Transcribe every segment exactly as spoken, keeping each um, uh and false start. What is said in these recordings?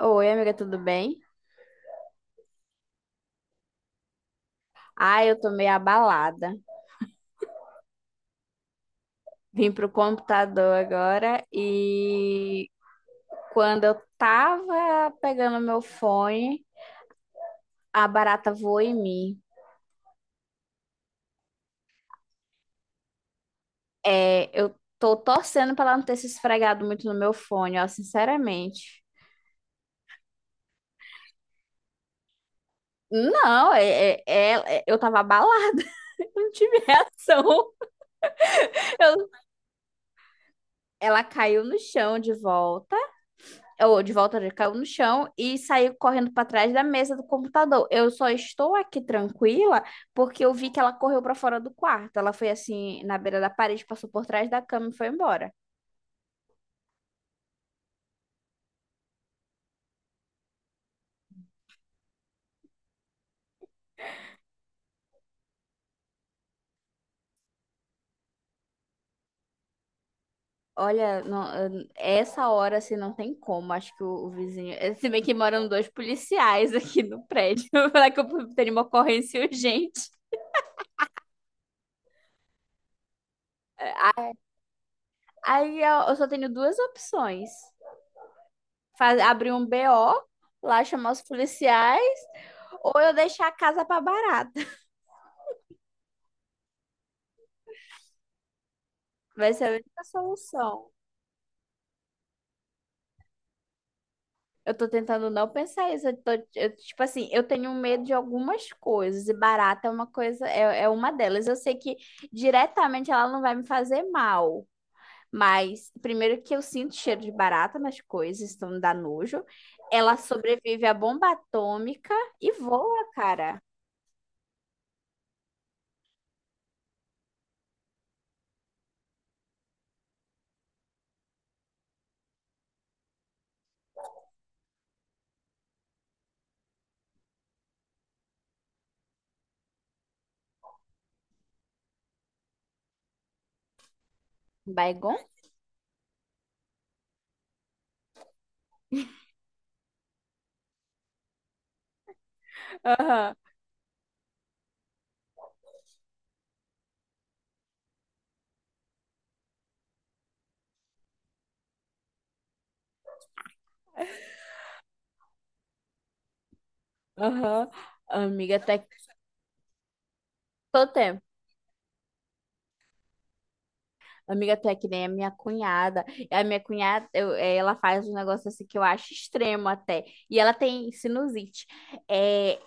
Oi, amiga, tudo bem? Ah, eu tô meio abalada. Vim pro computador agora e quando eu tava pegando meu fone, a barata voou em mim. É, eu tô torcendo pra ela não ter se esfregado muito no meu fone, ó, sinceramente. Não, é, é- é- é- eu tava abalada, não tive reação. Eu- ela caiu no chão de volta. Eu, de volta, ele caiu no chão e saiu correndo para trás da mesa do computador. Eu só estou aqui tranquila porque eu vi que ela correu para fora do quarto. Ela foi assim na beira da parede, passou por trás da cama e foi embora. Olha, não, essa hora assim não tem como. Acho que o, o vizinho. eh, Se bem que moram dois policiais aqui no prédio. Falar que eu teria uma ocorrência urgente. Aí eu, eu só tenho duas opções. Faz, abrir um B O, lá chamar os policiais, ou eu deixar a casa pra barata. Vai ser a única solução. Eu tô tentando não pensar isso. Eu tô, eu, tipo assim, eu tenho medo de algumas coisas, e barata é uma coisa, é, é uma delas. Eu sei que diretamente ela não vai me fazer mal. Mas, primeiro que eu sinto cheiro de barata nas coisas, então me dá nojo. Ela sobrevive à bomba atômica e voa, cara. Baigon? Aham, aham. Amiga, tá todo tempo. Amiga, tu é que nem a minha cunhada. A minha cunhada, eu- eh, ela faz um negócio assim que eu acho extremo até. E ela tem sinusite. É,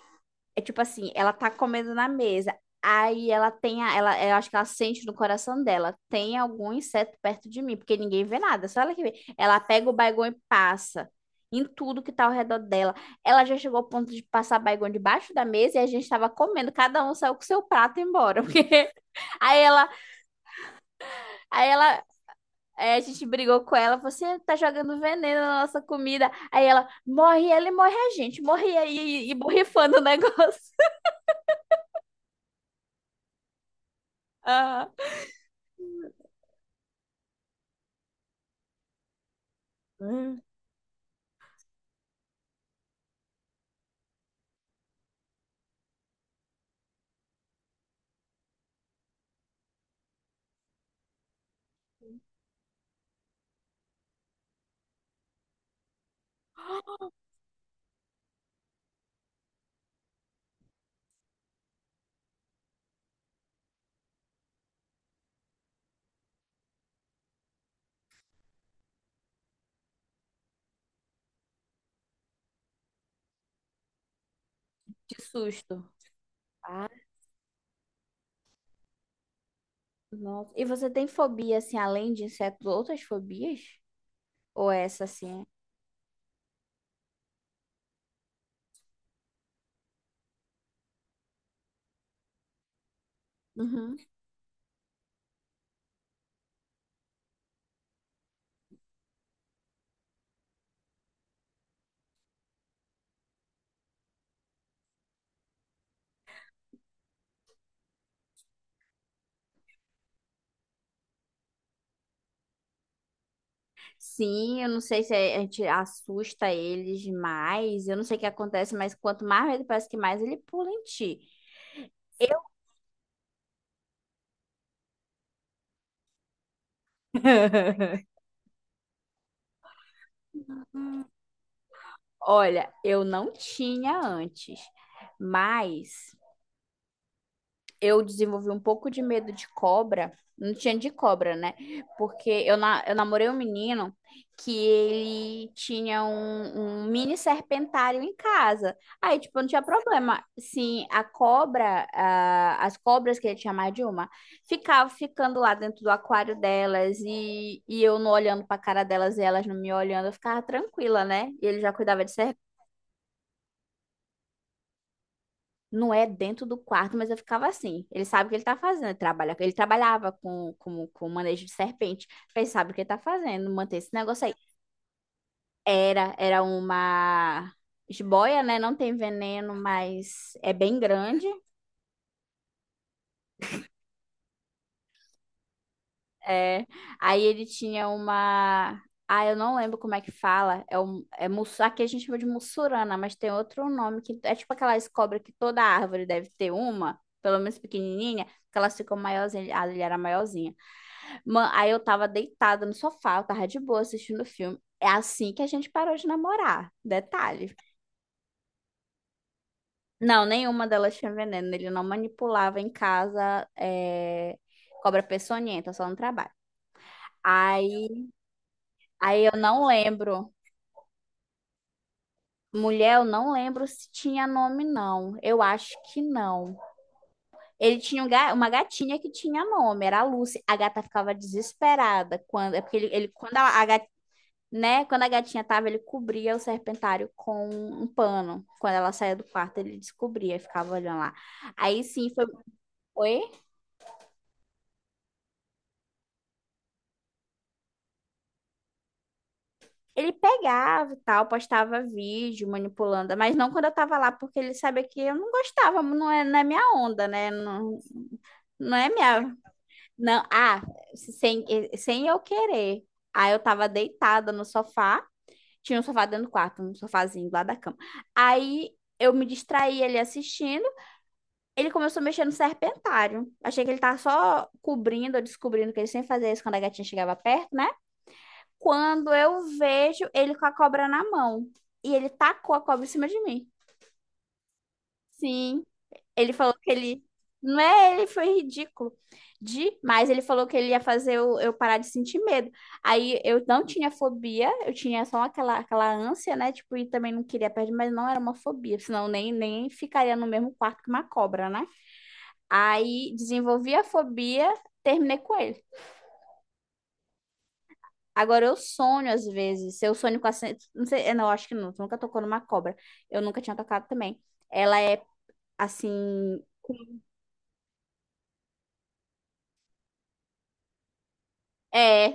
é tipo assim, ela tá comendo na mesa. Aí ela tem a, ela, eu acho que ela sente no coração dela, tem algum inseto perto de mim, porque ninguém vê nada, só ela que vê. Ela pega o baigão e passa em tudo que tá ao redor dela. Ela já chegou ao ponto de passar baigão debaixo da mesa e a gente tava comendo, cada um saiu com seu prato e embora, porque aí ela. Aí ela, aí a gente brigou com ela, você tá jogando veneno na nossa comida. Aí ela morre, ela e morre a gente, morre aí e e borrifando o negócio. Ah, hum. De susto. Ah, nossa. E você tem fobia, assim, além de insetos, outras fobias? Ou é essa, assim? Uhum. Sim, eu não sei se a gente assusta eles mais. Eu não sei o que acontece, mas quanto mais medo, parece que mais ele pula em ti. Eu, olha, eu não tinha antes, mas eu desenvolvi um pouco de medo de cobra. Não tinha de cobra, né? Porque eu, na, eu namorei um menino que ele tinha um, um mini serpentário em casa. Aí, tipo, não tinha problema. Sim, a cobra, ah, as cobras que ele tinha mais de uma, ficavam ficando lá dentro do aquário delas e, e eu não olhando pra cara delas e elas não me olhando, eu ficava tranquila, né? E ele já cuidava de... Não é dentro do quarto, mas eu ficava assim. Ele sabe o que ele tá fazendo. Ele, trabalha, ele trabalhava com, com, com manejo de serpente. Ele sabe o que ele tá fazendo, manter esse negócio aí. Era, era uma jiboia, né? Não tem veneno, mas é bem grande. É. Aí ele tinha uma. Ah, eu não lembro como é que fala. É, um, é mussu... Aqui a gente chama de mussurana, mas tem outro nome que é tipo aquelas cobras que toda árvore deve ter uma, pelo menos pequenininha, que elas ficam maiorzinhas. Ah, ele era maiorzinha. Mano, aí eu tava deitada no sofá, eu tava de boa assistindo o filme. É assim que a gente parou de namorar. Detalhe. Não, nenhuma delas tinha veneno. Ele não manipulava em casa é, cobra peçonhenta, só no trabalho. Aí, aí eu não lembro. Mulher, eu não lembro se tinha nome, não. Eu acho que não. Ele tinha um ga- uma gatinha que tinha nome, era a Lucy. A gata ficava desesperada quando. É porque ele, ele- quando a a né? Quando a gatinha tava, ele cobria o serpentário com um pano. Quando ela saía do quarto, ele descobria e ficava olhando lá. Aí sim, foi... Oi? Ele pegava e tal, postava vídeo manipulando, mas não quando eu tava lá, porque ele sabia que eu não gostava, não é, não é minha onda, né? Não, não é minha. Não, ah, sem, sem eu querer. Aí eu tava deitada no sofá, tinha um sofá dentro do quarto, um sofazinho lá da cama. Aí eu me distraí ali assistindo. Ele começou a mexer no serpentário. Achei que ele tava só cobrindo, ou descobrindo que ele sempre fazia isso quando a gatinha chegava perto, né? Quando eu vejo ele com a cobra na mão. E ele tacou a cobra em cima de mim. Sim. Ele falou que ele. Não é ele, foi ridículo. Demais. Ele falou que ele ia fazer eu, eu parar de sentir medo. Aí eu não tinha fobia, eu tinha só aquela, aquela ânsia, né? Tipo, e também não queria perder, mas não era uma fobia. Senão nem, nem ficaria no mesmo quarto que uma cobra, né? Aí desenvolvi a fobia, terminei com ele. Agora eu sonho às vezes. Eu sonho com a. sen- Não sei, é, não, acho que não. Tu nunca tocou numa cobra. Eu nunca tinha tocado também. Ela é assim. É.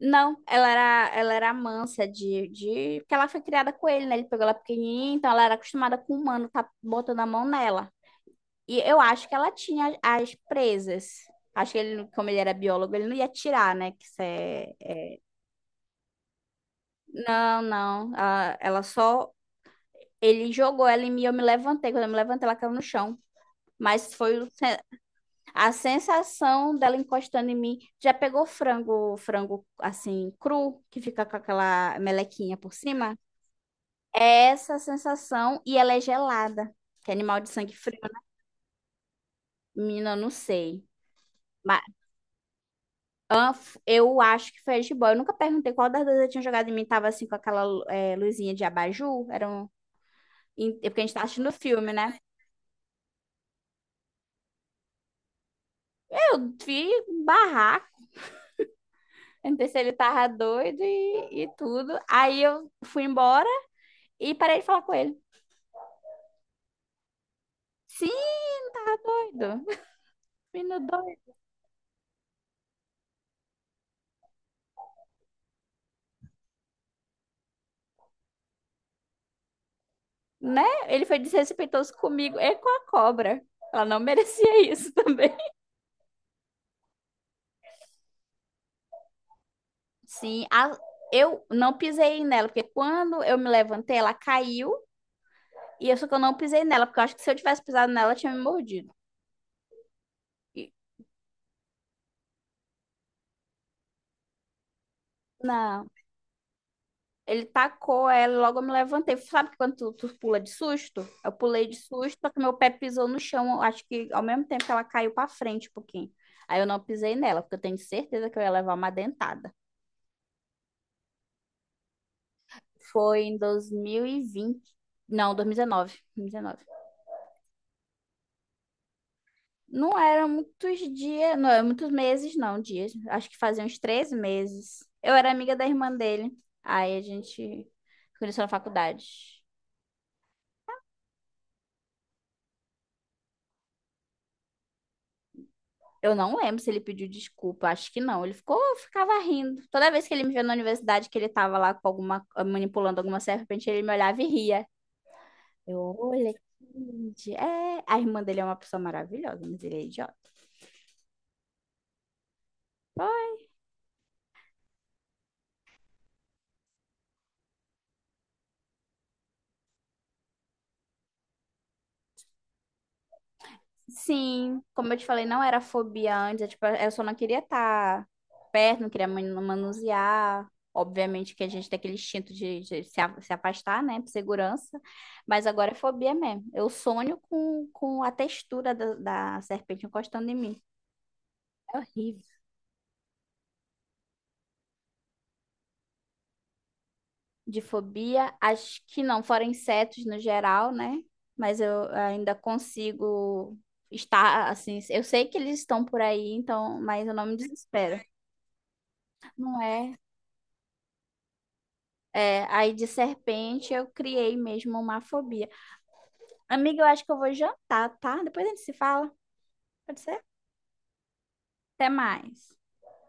Não, ela era, ela era mansa de, de. Porque ela foi criada com ele, né? Ele pegou ela pequenininha, então ela era acostumada com o humano tá botando a mão nela. E eu acho que ela tinha as presas. Acho que ele, como ele era biólogo, ele não ia tirar, né? Que isso é. Não, não. Ela, ela só. Ele jogou ela em mim, eu me levantei. Quando eu me levantei, ela caiu no chão. Mas foi o sen- a sensação dela encostando em mim. Já pegou frango, frango assim, cru, que fica com aquela melequinha por cima? É essa a sensação e ela é gelada. Que é animal de sangue frio, né? Menina, eu não sei. Mas eu acho que foi a jiboia. Eu nunca perguntei qual das duas eu tinha jogado em mim. Tava assim com aquela eh, luzinha de abajur. Era um... em- é Porque a gente tá assistindo filme, né? Eu vi barraco. Eu não sei se ele tava doido e, e tudo. Aí eu fui embora e parei de falar com ele. Sim, não tava doido. Menino doido, né? Ele foi desrespeitoso comigo e com a cobra. Ela não merecia isso também. Sim, a- eu não pisei nela, porque quando eu me levantei, ela caiu. E eu só que eu não pisei nela, porque eu acho que se eu tivesse pisado nela, ela tinha me mordido. E- Não. Ele tacou ela, logo eu me levantei. Sabe que quando tu, tu pula de susto? Eu pulei de susto, só que meu pé pisou no chão. Acho que ao mesmo tempo que ela caiu pra frente um pouquinho. Aí eu não pisei nela, porque eu tenho certeza que eu ia levar uma dentada. Foi em dois mil e vinte. Não, dois dois mil mil e dezenove. Dois mil e dois mil e dezenove. Não eram muitos dias, não eram muitos meses, não, dias. Acho que fazia uns três meses. Eu era amiga da irmã dele. Aí a gente conheceu na faculdade. Eu não lembro se ele pediu desculpa, acho que não. Ele ficou, ficava rindo. Toda vez que ele me via na universidade, que ele tava lá com alguma, eh, manipulando alguma serpente, ele me olhava e ria. Eu, olha, que lindo. É, a irmã dele é uma pessoa maravilhosa, mas ele é idiota. Pô. Sim, como eu te falei, não era fobia antes, é tipo, eu só não queria estar perto, não queria man- manusear. Obviamente que a gente tem aquele instinto de, de se, a- se afastar, né, por segurança, mas agora é fobia mesmo. Eu sonho com, com a textura da, da serpente encostando em mim. É horrível. De fobia, acho que não, fora insetos no geral, né, mas eu ainda consigo estar assim. Eu sei que eles estão por aí, então, mas eu não me desespero. Não é. É, aí de serpente eu criei mesmo uma fobia. Amiga, eu acho que eu vou jantar, tá? Depois a gente se fala. Pode ser? Até mais.